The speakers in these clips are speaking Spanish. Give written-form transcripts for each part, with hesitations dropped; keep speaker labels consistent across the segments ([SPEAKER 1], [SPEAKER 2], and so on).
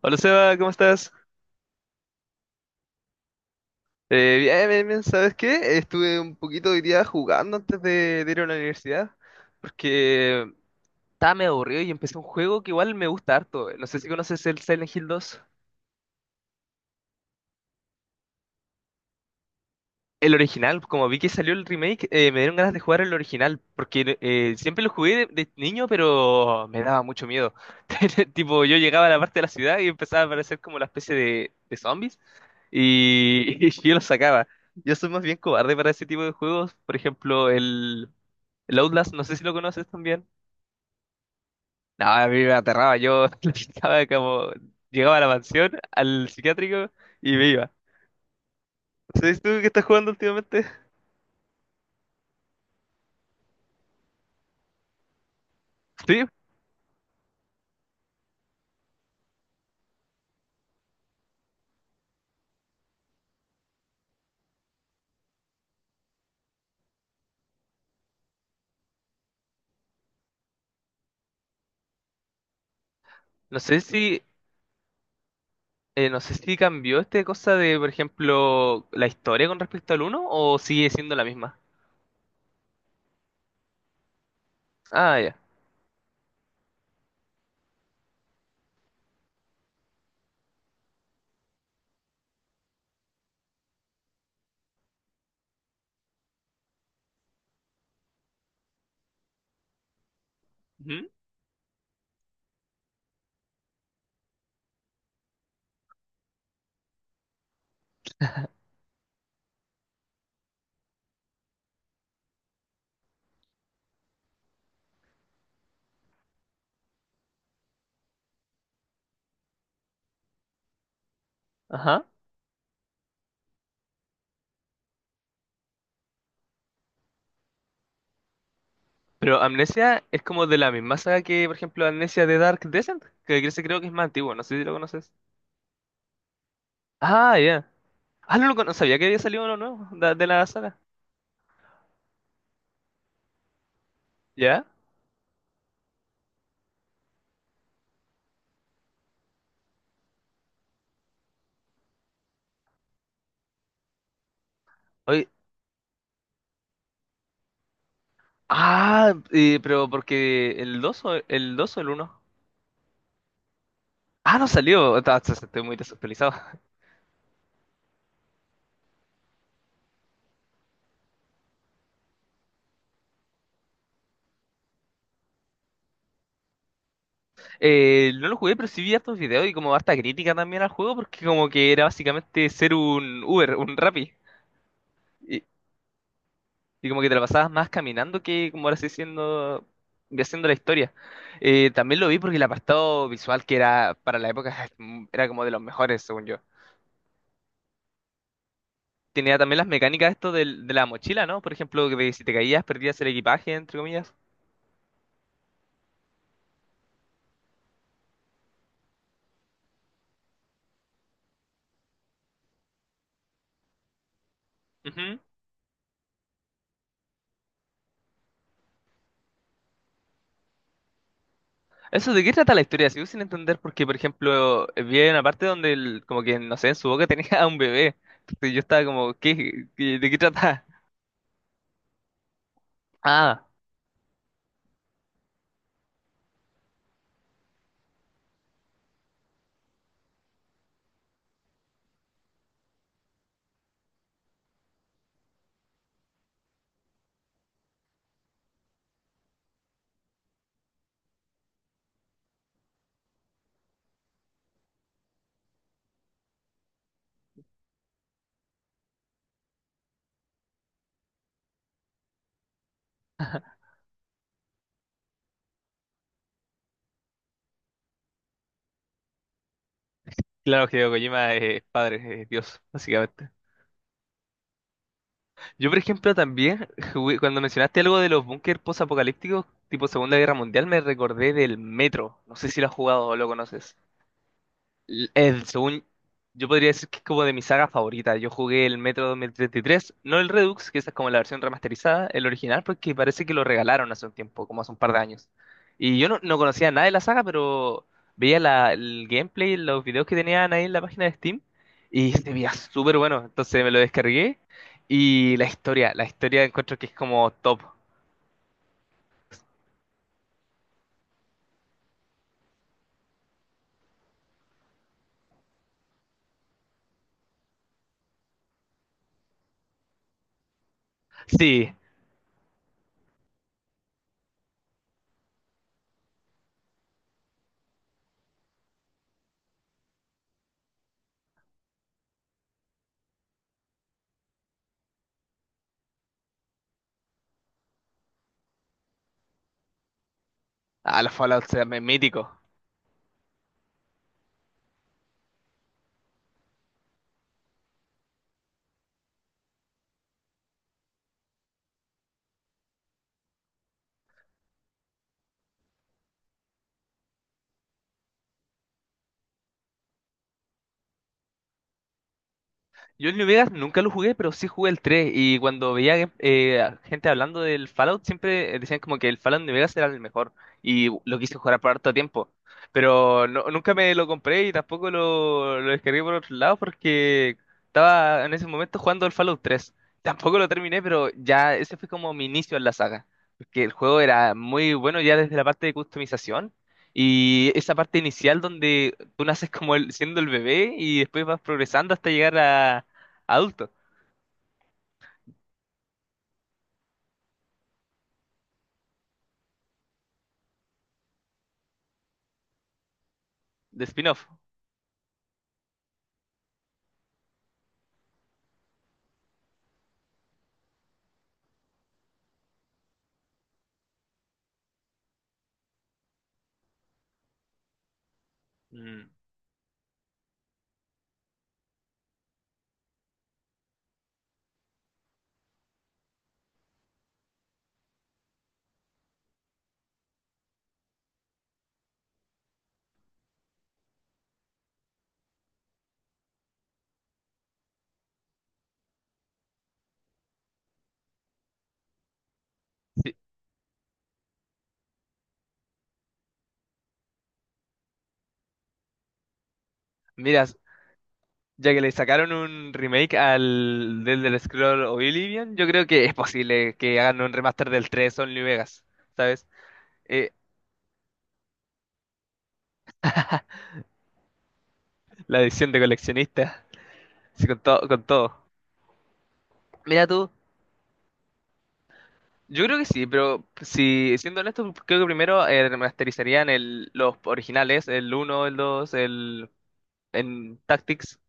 [SPEAKER 1] Hola Seba, ¿cómo estás? Bien, bien, bien, ¿sabes qué? Estuve un poquito hoy día jugando antes de ir a la universidad porque estaba medio aburrido y empecé un juego que igual me gusta harto. No sé si conoces el Silent Hill 2. El original, como vi que salió el remake, me dieron ganas de jugar el original porque siempre lo jugué de niño, pero me daba mucho miedo. Tipo, yo llegaba a la parte de la ciudad y empezaba a aparecer como la especie de zombies. Y y yo lo sacaba. Yo soy más bien cobarde para ese tipo de juegos. Por ejemplo, el Outlast, no sé si lo conoces también. No, a mí me aterraba. Yo estaba como... Llegaba a la mansión, al psiquiátrico y me iba. ¿No sé si tú que estás jugando últimamente? Sí. No sé si... no sé si cambió esta cosa de, por ejemplo, la historia con respecto al uno o sigue siendo la misma. Ah, ya. Ujú. Ajá. Pero Amnesia es como de la misma saga que, por ejemplo, Amnesia de Dark Descent, que creo que es más antiguo, no sé si lo conoces. Ah, ya. Ah, no, no sabía que había salido uno nuevo la saga. ¿Ya? Oye, pero porque el 2 o el uno. Ah, no salió. Estoy muy desactualizado. No lo jugué, pero sí vi hartos videos y como harta crítica también al juego, porque como que era básicamente ser un Uber, un Rappi. Y como que te la pasabas más caminando que como ahora haciendo la historia. También lo vi porque el apartado visual que era para la época era como de los mejores, según yo. Tenía también las mecánicas esto la mochila, ¿no? Por ejemplo, que si te caías perdías el equipaje, entre comillas. Ujú. Eso, ¿de qué trata la historia? Sigo sin entender porque, por ejemplo, vi una parte donde como que, no sé, en su boca tenía a un bebé. Entonces yo estaba como, ¿de qué trata? Ah, claro, que Kojima es padre, es Dios, básicamente. Yo, por ejemplo, también, cuando mencionaste algo de los búnker posapocalípticos, tipo Segunda Guerra Mundial, me recordé del Metro. No sé si lo has jugado o lo conoces. Según yo podría decir que es como de mi saga favorita. Yo jugué el Metro 2033, no el Redux, que esa es como la versión remasterizada, el original, porque parece que lo regalaron hace un tiempo, como hace un par de años. Y yo no, no conocía nada de la saga, pero veía el gameplay, los videos que tenían ahí en la página de Steam, y se veía súper bueno. Entonces me lo descargué. Y la historia encuentro que es como top. Sí, a los Fallout se me mítico. Yo el New Vegas nunca lo jugué, pero sí jugué el 3 y cuando veía a gente hablando del Fallout siempre decían como que el Fallout New Vegas era el mejor y lo quise jugar por harto tiempo, pero nunca me lo compré y tampoco lo descargué por otro lado porque estaba en ese momento jugando el Fallout tres. Tampoco lo terminé, pero ya ese fue como mi inicio en la saga, porque el juego era muy bueno ya desde la parte de customización. Y esa parte inicial donde tú naces como siendo el bebé y después vas progresando hasta llegar a adulto, de spin-off. Mm, sí. Mira, ya que le sacaron un remake al del Scroll Oblivion, yo creo que es posible que hagan un remaster del 3, Only Vegas, ¿sabes? Eh, la edición de coleccionista, sí, con todo, con todo. Mira tú, yo creo que sí, pero si siendo honesto, creo que primero remasterizarían los originales, el uno, el 2, el en Tactics.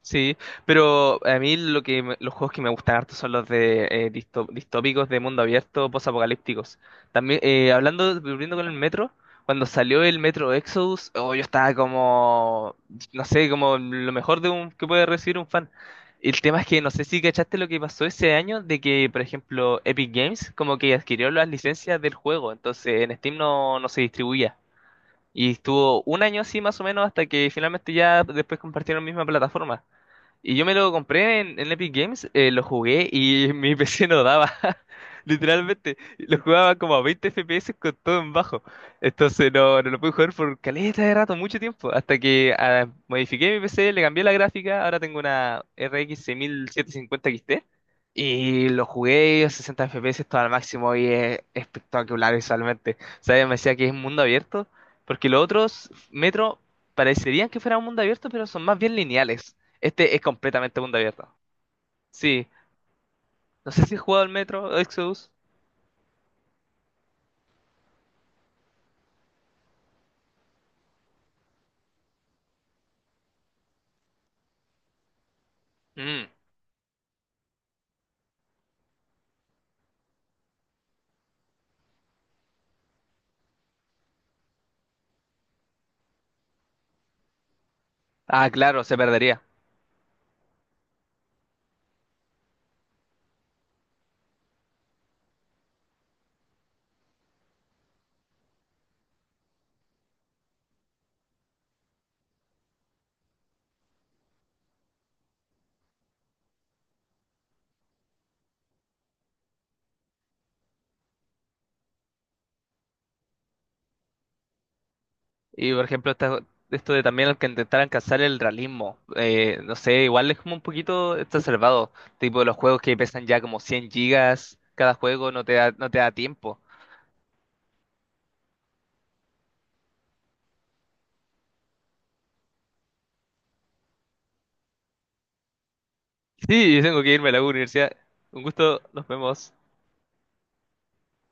[SPEAKER 1] Sí, pero a mí lo que los juegos que me gustan harto son los de distópicos de mundo abierto, posapocalípticos. También hablando, volviendo con el Metro, cuando salió el Metro Exodus, oh, yo estaba como, no sé, como lo mejor de un que puede recibir un fan. El tema es que no sé si cachaste lo que pasó ese año de que, por ejemplo, Epic Games como que adquirió las licencias del juego, entonces en Steam no, no se distribuía. Y estuvo un año así más o menos hasta que finalmente ya después compartieron misma plataforma. Y yo me lo compré en Epic Games, lo jugué y mi PC no daba. Literalmente, lo jugaba como a 20 FPS con todo en bajo. Entonces no, no lo pude jugar por caleta de rato, mucho tiempo. Hasta que modifiqué mi PC, le cambié la gráfica. Ahora tengo una RX 6750 XT. Y lo jugué a 60 FPS todo al máximo y es espectacular visualmente. ¿Sabes? Me decía que es un mundo abierto. Porque los otros Metro parecerían que fuera un mundo abierto, pero son más bien lineales. Este es completamente mundo abierto. Sí. No sé si he jugado al Metro Exodus. Mm. Ah, claro, se perdería. Y por ejemplo, esto de también el que intentar alcanzar el realismo. No sé, igual es como un poquito exacerbado. Tipo los juegos que pesan ya como 100 gigas. Cada juego no te da, no te da tiempo. Sí, yo tengo que irme a la universidad. Un gusto, nos vemos.